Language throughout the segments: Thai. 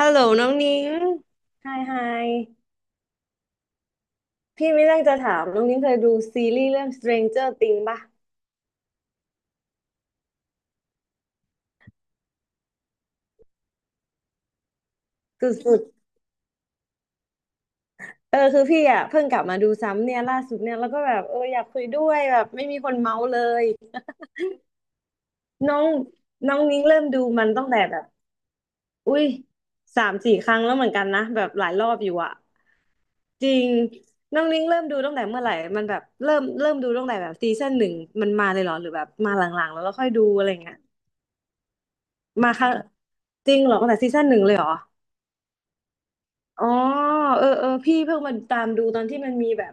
ฮัลโหลน้องนิ้งไฮไฮพี่ไม่เรื่องจะถามน้องนิ้งเคยดูซีรีส์เรื่อง Stranger Things ป่ะสุดๆ คือพี่อ่ะเพิ่งกลับมาดูซ้ำเนี่ยล่าสุดเนี่ยแล้วก็แบบอยากคุยด้วยแบบไม่มีคนเมาส์เลยน้องน้องนิ้งเริ่มดูมันตั้งแต่แบบอุ้ยสามสี่ครั้งแล้วเหมือนกันนะแบบหลายรอบอยู่อ่ะจริงน้องนิ้งเริ่มดูตั้งแต่เมื่อไหร่มันแบบเริ่มดูตั้งแต่แบบซีซั่นหนึ่งมันมาเลยเหรอหรือแบบมาหลังๆแล้วค่อยดูอะไรเงี้ย มาค่ะจริงเหรอตั้งแต่ซีซั่นหนึ่งเลยเหรออ๋อเออเออพี่เพิ่งมาตามดูตอนที่มันมีแบบ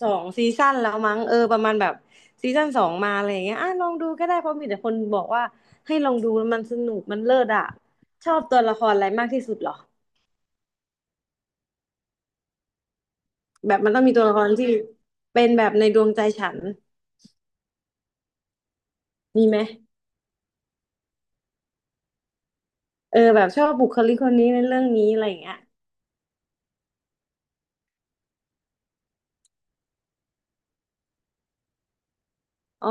สองซีซั่นแล้วมั้งเออประมาณแบบซีซั่นสองมาอะไรอย่างเงี้ยอ่ะลองดูก็ได้เพราะมีแต่คนบอกว่าให้ลองดูมันสนุกมันเลิศอ่ะชอบตัวละครอะไรมากที่สุดเหรอแบบมันต้องมีตัวละครที่เป็นแบบในดวงใจฉันมีไหมเออแบบชอบบุคลิกคนนี้ในเรื่องนี้อะไรอย่างเงี้ยอ๋อ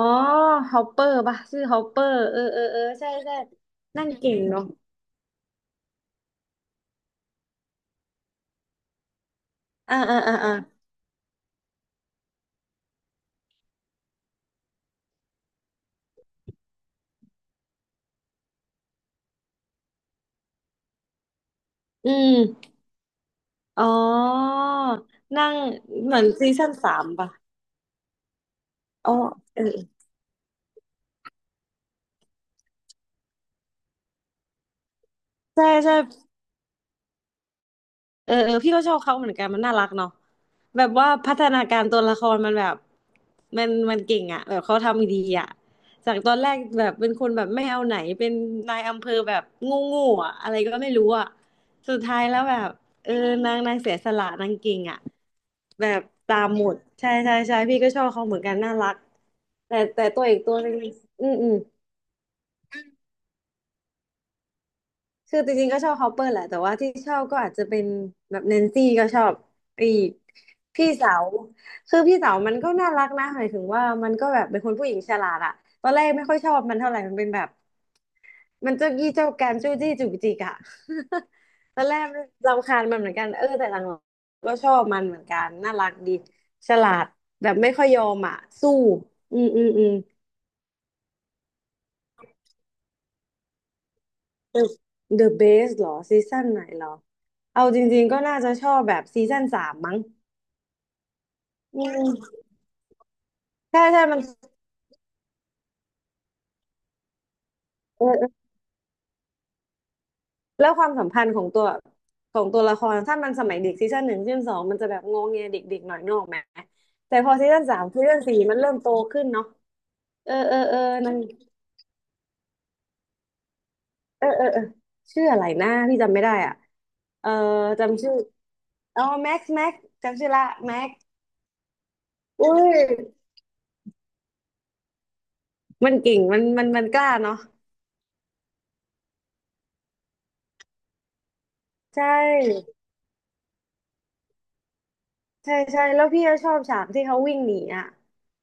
ฮอปเปอร์ป่ะชื่อฮอปเปอร์เออเออเออใช่ใช่นั่นเก่งเนาะอ่าอ่าอ่า อืมอ๋อนั่งเหมือนซีซั่นสามป่ะอ๋อเออใช่ใช่ เออเออพี่ก็ชอบเขาเหมือนกันมันน่ารักเนาะแบบว่าพัฒนาการตัวละครมันแบบมันเก่งอะแบบเขาทำดีอะจากตอนแรกแบบเป็นคนแบบไม่เอาไหนเป็นนายอำเภอแบบงูงูอะอะไรก็ไม่รู้อะสุดท้ายแล้วแบบเออนางเสียสละนางเก่งอะแบบตามหมดใช่ใช่ใช่พี่ก็ชอบเขาเหมือนกันน่ารักแต่ตัวอีกตัวหนึงอืมอืม คือจริงๆก็ชอบฮอปเปอร์แหละแต่ว่าที่ชอบก็อาจจะเป็นแบบแนนซี่ก็ชอบอีกพี่สาวคือพี่สาวมันก็น่ารักนะหมายถึงว่ามันก็แบบเป็นคนผู้หญิงฉลาดอะตอนแรกไม่ค่อยชอบมันเท่าไหร่มันเป็นแบบมันเจ้ากี้เจ้าการจู้จี้จุกจิกอะ ตอนแรกรำคาญมันเหมือนกันเออแต่หลังๆก็ชอบมันเหมือนกันน่ารักดีฉลาดแบบไม่ค่อยยอมอะสู้อืมอืมอืม The The Best เหรอซีซั่นไหนเหรอเอาจริงๆก็น่าจะชอบแบบซีซั่นสามมั้งอืมใช่ใช่มันเออเออแล้วความสัมพันธ์ของตัวละครถ้ามันสมัยเด็กซีซั่นหนึ่งซีซั่นสองมันจะแบบงงเงียเด็กๆหน่อยนึกออกไหมแต่พอซีซั่นสามซีซั่นสี่มันเริ่มโตขึ้นเนาะเออเออเออนั่นเออเออเออชื่ออะไรนะพี่จำไม่ได้อ่ะเออจำชื่ออ๋อแม็กซ์จำชื่อละแม็กซ์อุ้ยมันเก่งมันกล้าเนาะใช่ ใช่ใช่แล้วพี่ก็ชอบฉากที่เขาวิ่งหนีอ่ะ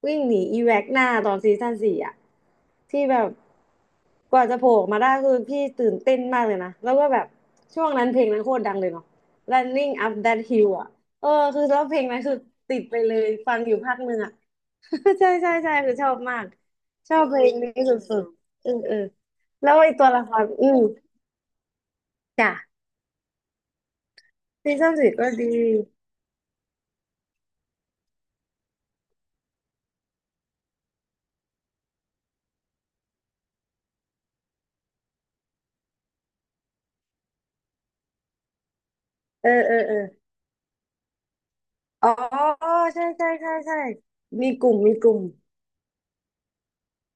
วิ่งหนีอีแว็กหน้าตอนซีซั่นสี่อ่ะที่แบบกว่าจะโผล่ออกมาได้คือพี่ตื่นเต้นมากเลยนะแล้วก็แบบช่วงนั้นเพลงนั้นโคตรดังเลยเนาะ Running Up That Hill อ่ะเออคือแล้วเพลงนั้นคือติดไปเลยฟังอยู่พักหนึ่งอ่ะ ใช่ใช่ใช่คือชอบมากชอบเพลงนี้สุดๆเออเออแล้วไอ้ตัวละครอืมจ้ะซีซั่นสี่ก็ดีเออเออเออ อ๋อใช่ใช่ใช่ใช่มีกลุ่ม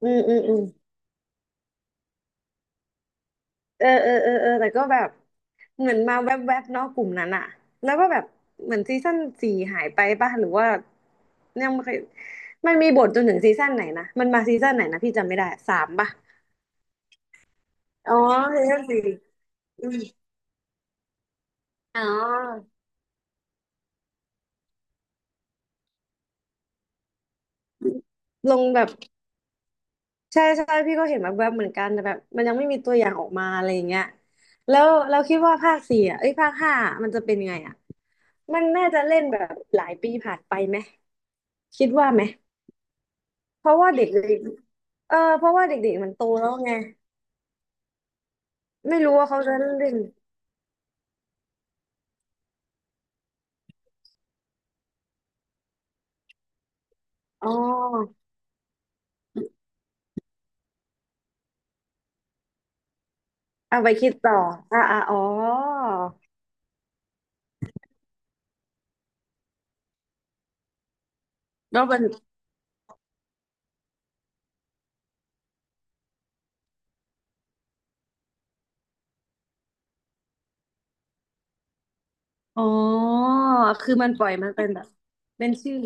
อืมอืมอืมเออเออเออเออแต่ก็แบบเหมือนมาแวบๆบเนาะกลุ่มนั้นอะแล้วก็แบบเหมือนซีซั่นสี่หายไปป่ะหรือว่ายังไม่เคยมันมีบทจนถึงซีซั่นไหนนะมันมาซีซั่นไหนนะพี่จำไม่ได้สามป่ะอ๋อซีซั่นสี่อืมอ๋อลงแบบใช่ใช่พี่ก็เห็นแบบเหมือนกันแต่แบบมันยังไม่มีตัวอย่างออกมาอะไรอย่างเงี้ยแล้วเราคิดว่าภาคสี่อ่ะเอ้ยภาคห้ามันจะเป็นยังไงอ่ะ มันน่าจะเล่นแบบหลายปีผ่านไปไหมคิดว่าไหมเพราะว่าเด็กๆเออเพราะว่าเด็กๆมันโตแล้วไงไม่รู้ว่าเขาจะเล่นอ๋อเอาไปคิดต่ออ่าอ่าอ๋อแล้วมันอ๋อคือมันปล่อยมันเป็นแบบเป็นชื่อ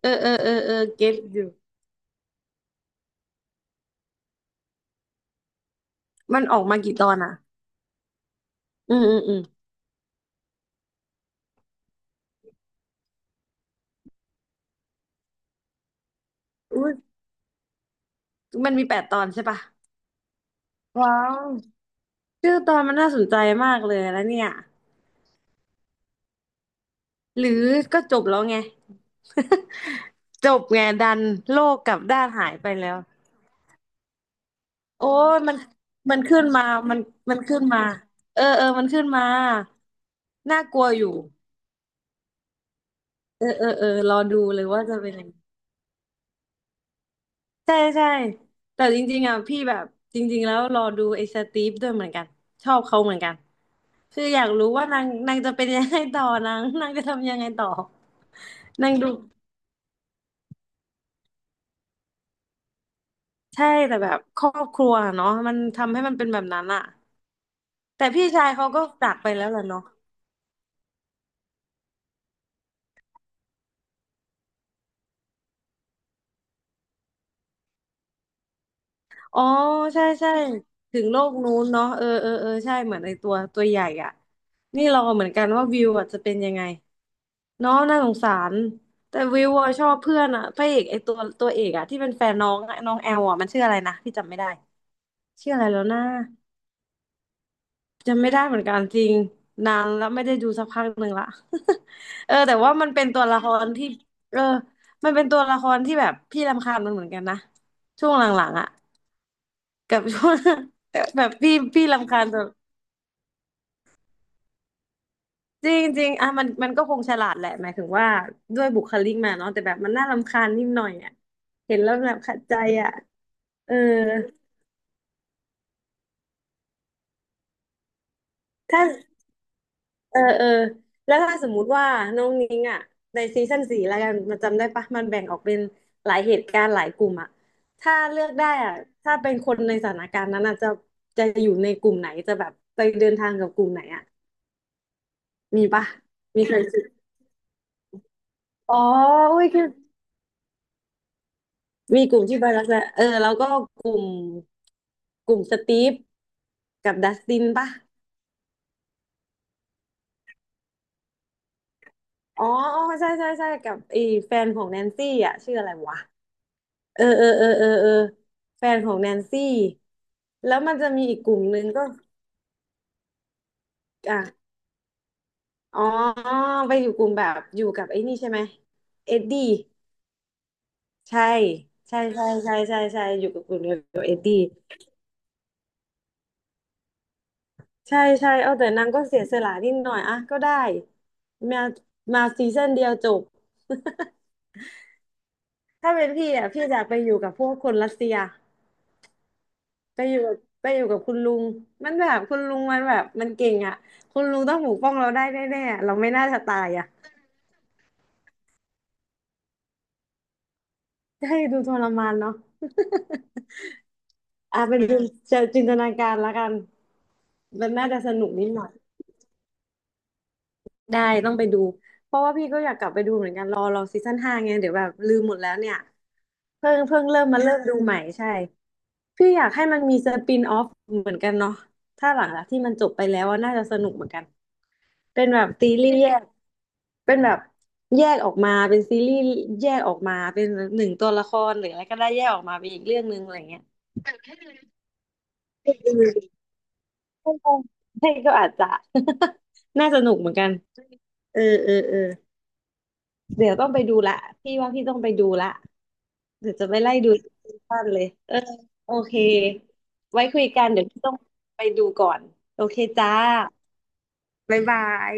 เออเออเออเออเก็ตอยู่มันออกมากี่ตอนอ่ะอืมอืมอืมอุ้ยมันมีแปดตอนใช่ปะว้าวชื่อตอนมันน่าสนใจมากเลยแล้วเนี่ยหรือก็จบแล้วไง จบไงดันโลกกลับด้านหายไปแล้วโอ้ยมันขึ้นมามันมันขึ้นมาเออมันขึ้นมาน่ากลัวอยู่เออรอดูเลยว่าจะเป็นยังไงใช่ใช่แต่จริงๆอ่ะพี่แบบจริงๆแล้วรอดูไอ้สตีฟด้วยเหมือนกันชอบเขาเหมือนกันคืออยากรู้ว่านางจะเป็นยังไงต่อนาง นางจะทำยังไงต่อนางดูใช่แต่แบบครอบครัวเนาะมันทำให้มันเป็นแบบนั้นอะแต่พี่ชายเขาก็จากไปแล้วล่ะเนาะ อ๋อใช่ใช่ถึงโลกนู้นเนาะเออใช่เหมือนไอตัวตัวใหญ่อ่ะนี่รอเหมือนกันว่าวิวอ่ะจะเป็นยังไงเนาะน่าสงสารแต่วิวอ่ะชอบเพื่อนอ่ะพระเอกไอตัวตัวเอกอ่ะที่เป็นแฟนน้องอะน้องแอลอ่ะมันชื่ออะไรนะพี่จำไม่ได้ชื่ออะไรแล้วนะจำไม่ได้เหมือนกันจริงนานแล้วไม่ได้ดูสักพักหนึ่งละ เออแต่ว่ามันเป็นตัวละครที่เออมันเป็นตัวละครที่แบบพี่รำคาญมันเหมือนกันนะช่วงหลังๆอ่ะ กับช่วง แบบพี่รำคาญตัวจริงจริงอ่ะมันก็คงฉลาดแหละหมายถึงว่าด้วยบุคลิกมาเนาะแต่แบบมันน่ารำคาญนิดหน่อยอ่ะเห็นแล้วแบบขัดใจอ่ะเออถ้าเออแล้วถ้าสมมุติว่าน้องนิ้งอ่ะในซีซั่นสี่แล้วกันมันจำได้ปะมันแบ่งออกเป็นหลายเหตุการณ์หลายกลุ่มอ่ะถ้าเลือกได้อ่ะถ้าเป็นคนในสถานการณ์นั้นอ่ะจะจะอยู่ในกลุ่มไหนจะแบบไปเดินทางกับกลุ่มไหนอ่ะมีปะมีใครคิดอ๋ออุ้ย มีกลุ่มที่ไปลักษณะเออแล้วก็กลุ่มกลุ่มสตีฟกับดัสตินป่ะอ๋ออ๋อใช่ใช่ใช่กับไอ้แฟนของแนนซี่อ่ะชื่ออะไรวะเออแฟนของแนนซี่แล้วมันจะมีอีกกลุ่มหนึ่งก็อ่ะอ๋อไปอยู่กลุ่มแบบอยู่กับไอ้นี่ใช่ไหมเอ็ดดี้ใช่ใช่ใช่ใช่ใช่ใช่อยู่กับกลุ่มเดียวกับเอ็ดดี้ ใช่ใช่เอาแต่นางก็เสียสละนิดหน่อยอ่ะก็ได้มามาซีซั่นเดียวจบ ถ้าเป็นพี่อ่ะพี่อยากไปอยู่กับพวกคนรัสเซียไปอยู่กับไปอยู่กับคุณลุงมันแบบคุณลุงมันแบบมันเก่งอ่ะคุณลุงต้องปกป้องเราได้แน่ๆอะเราไม่น่าจะตายอ่ะให้ดูทรมานเนาะ อ่ะเป็นดูจะจินตนาการละกันมันน่าจะสนุกนิดหน่อยได้ต้องไปดูเพราะว่าพี่ก็อยากกลับไปดูเหมือนกันรอซีซั่นห้าไงเดี๋ยวแบบลืมหมดแล้วเนี่ย เพิ่งเริ่มมาเริ่มดูใหม่ใช่พี่อยากให้มันมีสปินออฟเหมือนกันเนาะถ้าหลังจากที่มันจบไปแล้วอะน่าจะสนุกเหมือนกันเป็นแบบซีรีส์แยกเป็นแบบแยกออกมาเป็นซีรีส์แยกออกมาเป็นหนึ่งตัวละครหรืออะไรก็ได้แยกออกมาเป็นอีกเรื่องหนึ่งอะไรเงี้ยอืม ใช่ก็อาจจะ น่าสนุกเหมือนกันเออ เดี๋ยวต้องไปดูละพี่ว่าพี่ต้องไปดูละเดี๋ยวจะไปไล่ดูซีซั่นเลยเออโอเคไว้คุยกันเดี๋ยวพี่ต้องไปดูก่อนโอเคจ้าบ๊ายบาย